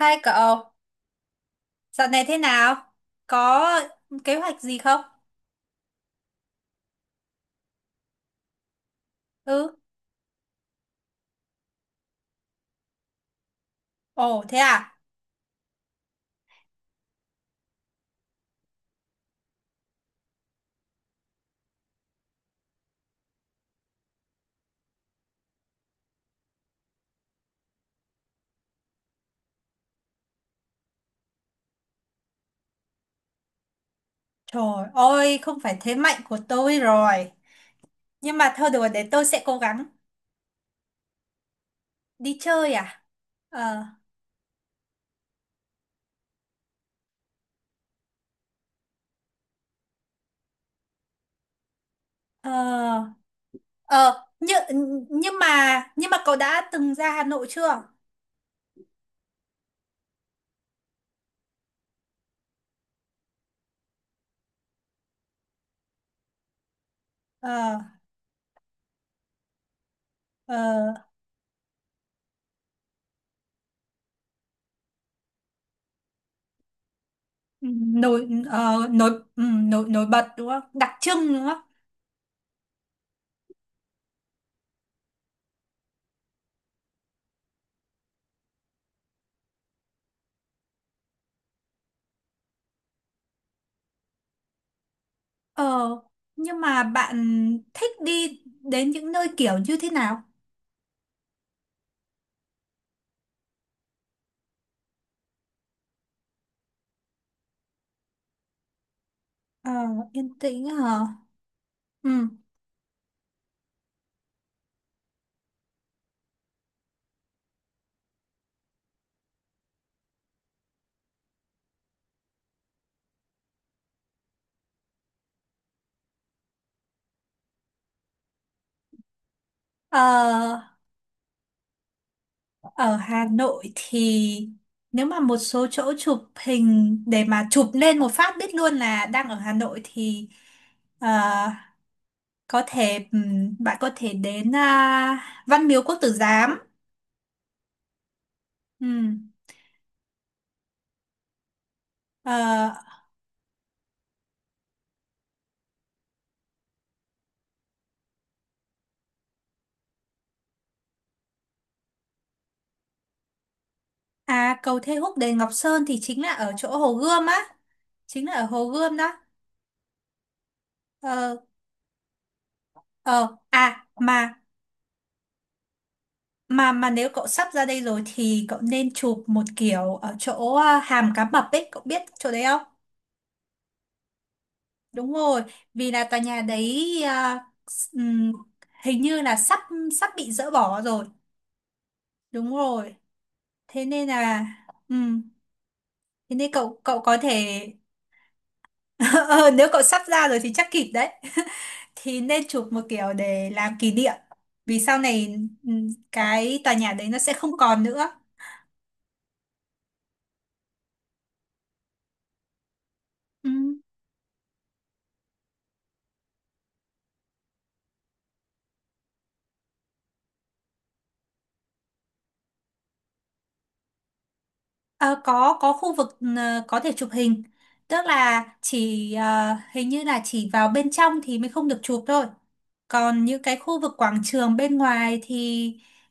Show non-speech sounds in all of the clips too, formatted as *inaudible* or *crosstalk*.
Hai cậu, dạo này thế nào? Có kế hoạch gì không? Ừ, ồ thế à? Trời ơi, không phải thế mạnh của tôi rồi. Nhưng mà thôi đùa để tôi sẽ cố gắng đi chơi à? Ờ, ờ, ờ, nhưng, nhưng mà, nhưng mà cậu đã từng ra Hà Nội chưa? Ờ, ờ, nổi bật đúng không? Đặc trưng đúng không? Ờ, nhưng mà bạn thích đi đến những nơi kiểu như thế nào? Ờ, Yên tĩnh hả? Ừ. Ờ, Ở Hà Nội thì nếu mà một số chỗ chụp hình để mà chụp lên một phát biết luôn là đang ở Hà Nội thì ờ, có thể, bạn có thể đến Văn Miếu Quốc Tử Giám. Ừm. Ờ, à, cầu Thê Húc đền Ngọc Sơn thì chính là ở chỗ Hồ Gươm á, chính là ở Hồ Gươm đó. Ờ, ờ à mà mà nếu cậu sắp ra đây rồi thì cậu nên chụp một kiểu ở chỗ hàm cá mập ấy, cậu biết chỗ đấy không? Đúng rồi, vì là tòa nhà đấy ừm, hình như là sắp sắp bị dỡ bỏ rồi. Đúng rồi. Thế nên là ừm, thế nên cậu cậu có thể *laughs* Ờ, nếu cậu sắp ra rồi thì chắc kịp đấy. *laughs* Thì nên chụp một kiểu để làm kỷ niệm. Vì sau này, cái tòa nhà đấy nó sẽ không còn nữa. Ừ. Ờ, có khu vực, có thể chụp hình, tức là chỉ, hình như là chỉ vào bên trong thì mới không được chụp thôi, còn những cái khu vực quảng trường bên ngoài thì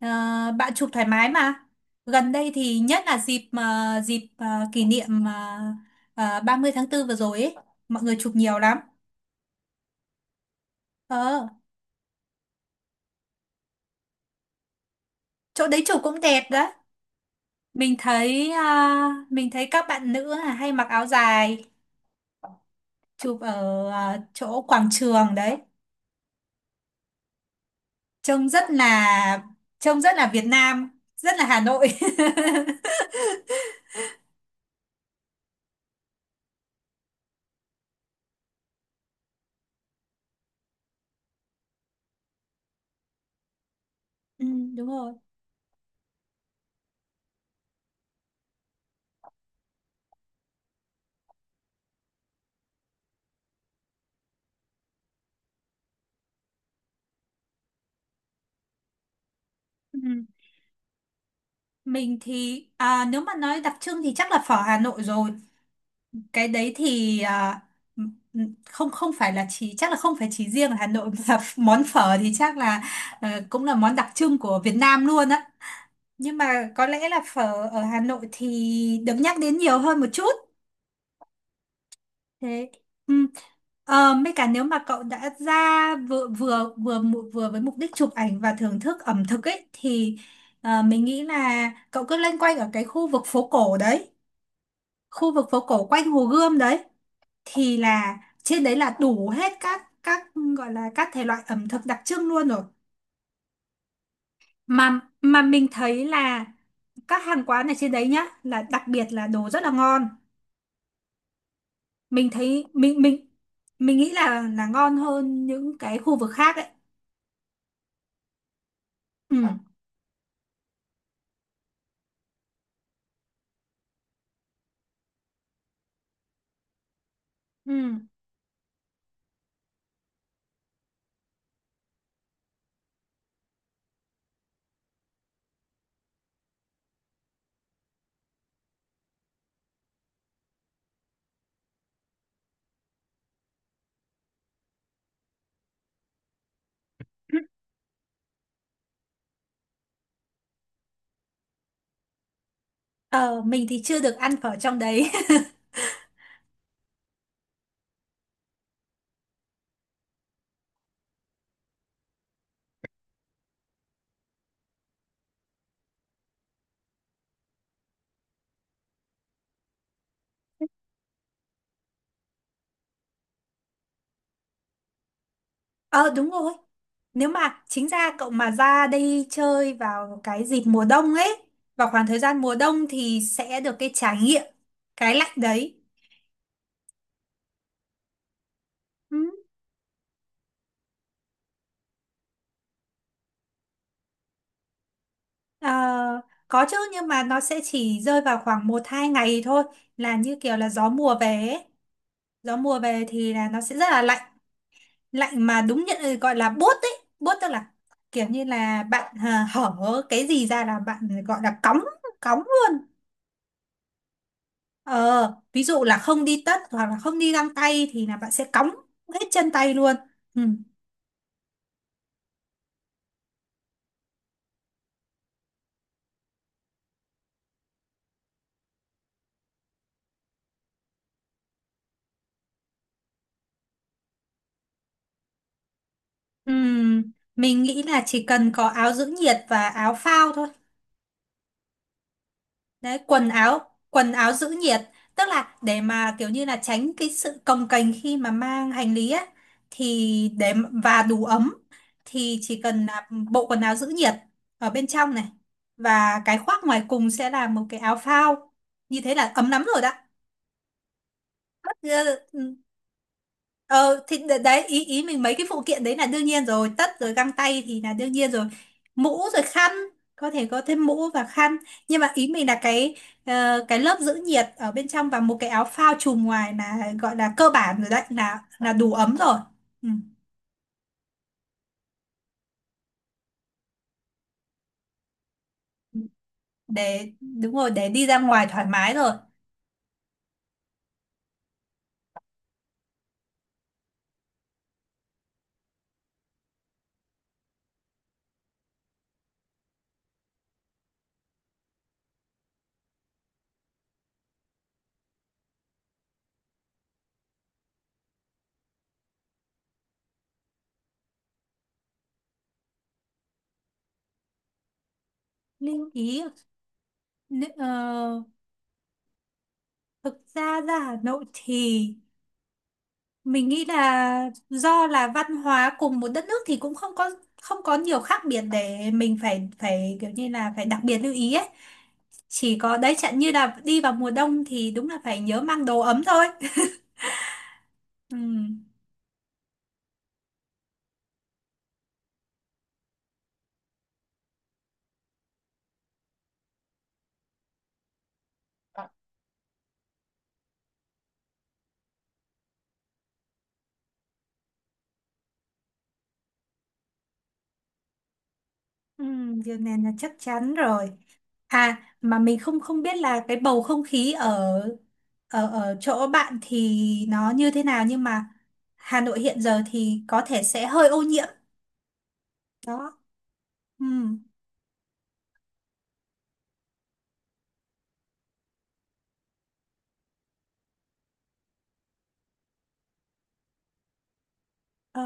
ờ, bạn chụp thoải mái mà. Gần đây thì nhất là dịp kỷ niệm ba mươi tháng 4 vừa rồi ấy, mọi người chụp nhiều lắm. ờ Chỗ đấy chụp cũng đẹp đấy. Mình thấy ờ, mình thấy các bạn nữ là hay mặc áo dài, chụp ở chỗ quảng trường đấy, trông rất là trông rất là Việt Nam, rất là Hà Nội. *laughs* Ừ, đúng rồi. Ừ. Mình thì, nếu mà nói đặc trưng thì chắc là phở Hà Nội rồi. Cái đấy thì, không không phải là chỉ, chắc là không phải chỉ riêng ở Hà Nội mà. *laughs* Món phở thì chắc là, cũng là món đặc trưng của Việt Nam luôn á. Nhưng mà có lẽ là phở ở Hà Nội thì được nhắc đến nhiều hơn một chút. Thế. Ừ. Mấy cả nếu mà cậu đã ra vừa vừa vừa mụ- vừa với mục đích chụp ảnh và thưởng thức ẩm thực ấy thì, mình nghĩ là cậu cứ loanh quanh ở cái khu vực phố cổ đấy, khu vực phố cổ quanh Hồ Gươm đấy, thì là trên đấy là đủ hết các, gọi là các thể loại ẩm thực đặc trưng luôn rồi. Mà mình thấy là các hàng quán ở trên đấy nhá, là đặc biệt là đồ rất là ngon. Mình thấy mình nghĩ là ngon hơn những cái khu vực khác ấy. Ừ, ừ. Ờ, mình thì chưa được ăn phở trong đấy. *laughs* Ờ, đúng rồi. Nếu mà chính ra cậu mà ra đây chơi vào cái dịp mùa đông ấy, vào khoảng thời gian mùa đông thì sẽ được cái trải nghiệm cái lạnh đấy. Ừ. Ờ, có chứ, nhưng mà nó sẽ chỉ rơi vào khoảng một hai ngày thôi, là như kiểu là gió mùa về ấy. Gió mùa về thì là nó sẽ rất là lạnh, lạnh mà đúng nhận, gọi là buốt ấy. Buốt tức là kiểu như là bạn, hở cái gì ra là bạn, gọi là cóng, cóng luôn. Ờ Ví dụ là không đi tất hoặc là không đi găng tay thì là bạn sẽ cóng hết chân tay luôn. Ừ. Ừm, mình nghĩ là chỉ cần có áo giữ nhiệt và áo phao thôi. Đấy, quần áo giữ nhiệt, tức là để mà kiểu như là tránh cái sự cồng kềnh khi mà mang hành lý á, thì để và đủ ấm. Thì chỉ cần là bộ quần áo giữ nhiệt ở bên trong này, và cái khoác ngoài cùng sẽ là một cái áo phao, như thế là ấm lắm rồi đó. Ờ, ừ. Ờ thì, đấy ý ý mình mấy cái phụ kiện đấy là đương nhiên rồi, tất rồi găng tay thì là đương nhiên rồi. Mũ rồi khăn, có thể có thêm mũ và khăn, nhưng mà ý mình là cái lớp giữ nhiệt ở bên trong và một cái áo phao trùm ngoài là gọi là cơ bản rồi đấy, là đủ ấm rồi. Ừ. Để Đúng rồi, để đi ra ngoài thoải mái rồi. Lưu ý. Nữ- ờ, Thực ra ra Hà Nội thì mình nghĩ là do là văn hóa cùng một đất nước thì cũng không có nhiều khác biệt, để mình phải phải kiểu như là phải đặc biệt lưu ý ấy. Chỉ có đấy chẳng như là đi vào mùa đông thì đúng là phải nhớ mang đồ ấm thôi. *laughs* Ừ, ừ, điều này là chắc chắn rồi. À, mà mình không không biết là cái bầu không khí ở ở ở chỗ bạn thì nó như thế nào, nhưng mà Hà Nội hiện giờ thì có thể sẽ hơi ô nhiễm đó. Ừ, ờ,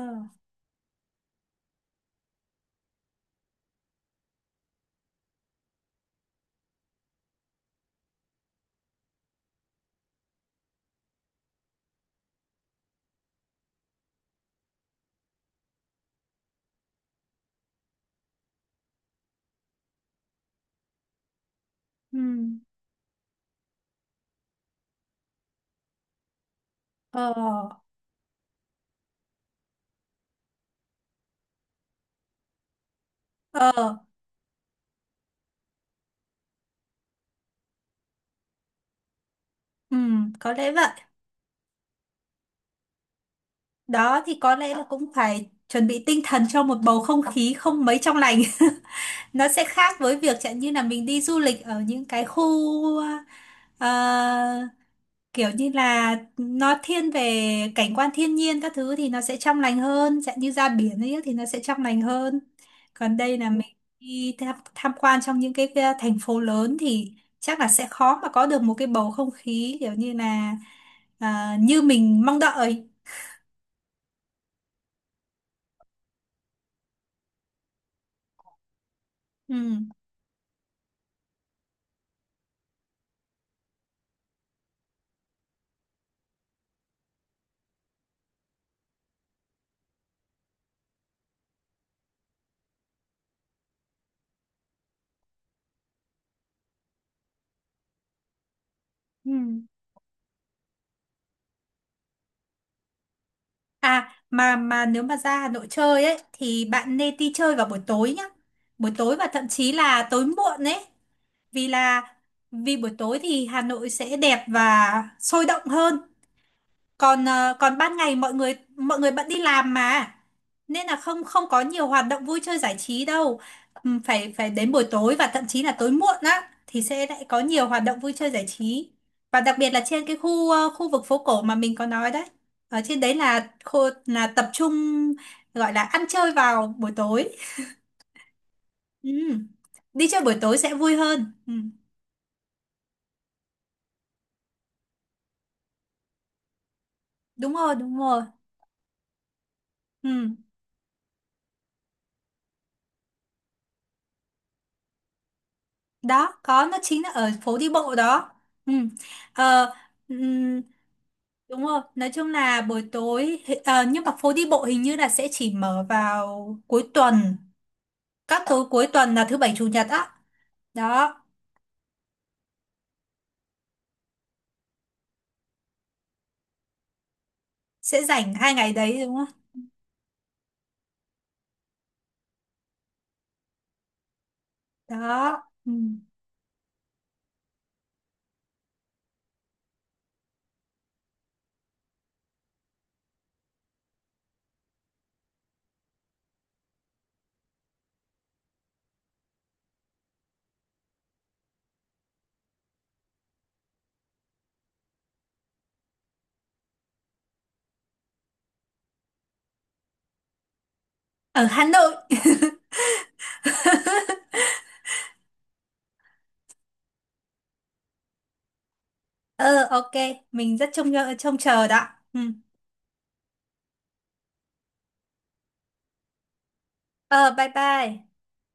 ừ, ờ. Ờ, ừ, có lẽ vậy. Đó thì có lẽ là cũng phải chuẩn bị tinh thần cho một bầu không khí không mấy trong lành. *laughs* Nó sẽ khác với việc chẳng như là mình đi du lịch ở những cái khu, ờ, kiểu như là nó thiên về cảnh quan thiên nhiên các thứ thì nó sẽ trong lành hơn, chẳng như ra biển ấy thì nó sẽ trong lành hơn. Còn đây là mình đi tham quan trong những cái, thành phố lớn thì chắc là sẽ khó mà có được một cái bầu không khí kiểu như là, như mình mong đợi. Ừ. Ừ. À, mà nếu mà ra Hà Nội chơi ấy thì bạn nên đi chơi vào buổi tối nhá. Buổi tối và thậm chí là tối muộn ấy. Vì là vì buổi tối thì Hà Nội sẽ đẹp và sôi động hơn. Còn ban ngày mọi người bận đi làm mà, nên là không không có nhiều hoạt động vui chơi giải trí đâu. Phải phải đến buổi tối và thậm chí là tối muộn á thì sẽ lại có nhiều hoạt động vui chơi giải trí, và đặc biệt là trên cái khu vực phố cổ mà mình có nói đấy, ở trên đấy là khu, là tập trung, gọi là ăn chơi vào buổi tối. Ừm, Đi chơi buổi tối sẽ vui hơn. Ừm. Đúng rồi, đúng rồi. Ừm, Đó, có nó chính là ở phố đi bộ đó. Ừm. Ờ. Ừm. Đúng rồi, nói chung là buổi tối, nhưng mà phố đi bộ hình như là sẽ chỉ mở vào cuối tuần, các tối cuối tuần là thứ bảy chủ nhật á. Đó, sẽ rảnh 2 ngày đấy đúng không? Đó. Ừ. Ở Hà Nội. *laughs* Ờ, ok, mình rất trông trông chờ đó. Ừ. Ờ, bye bye.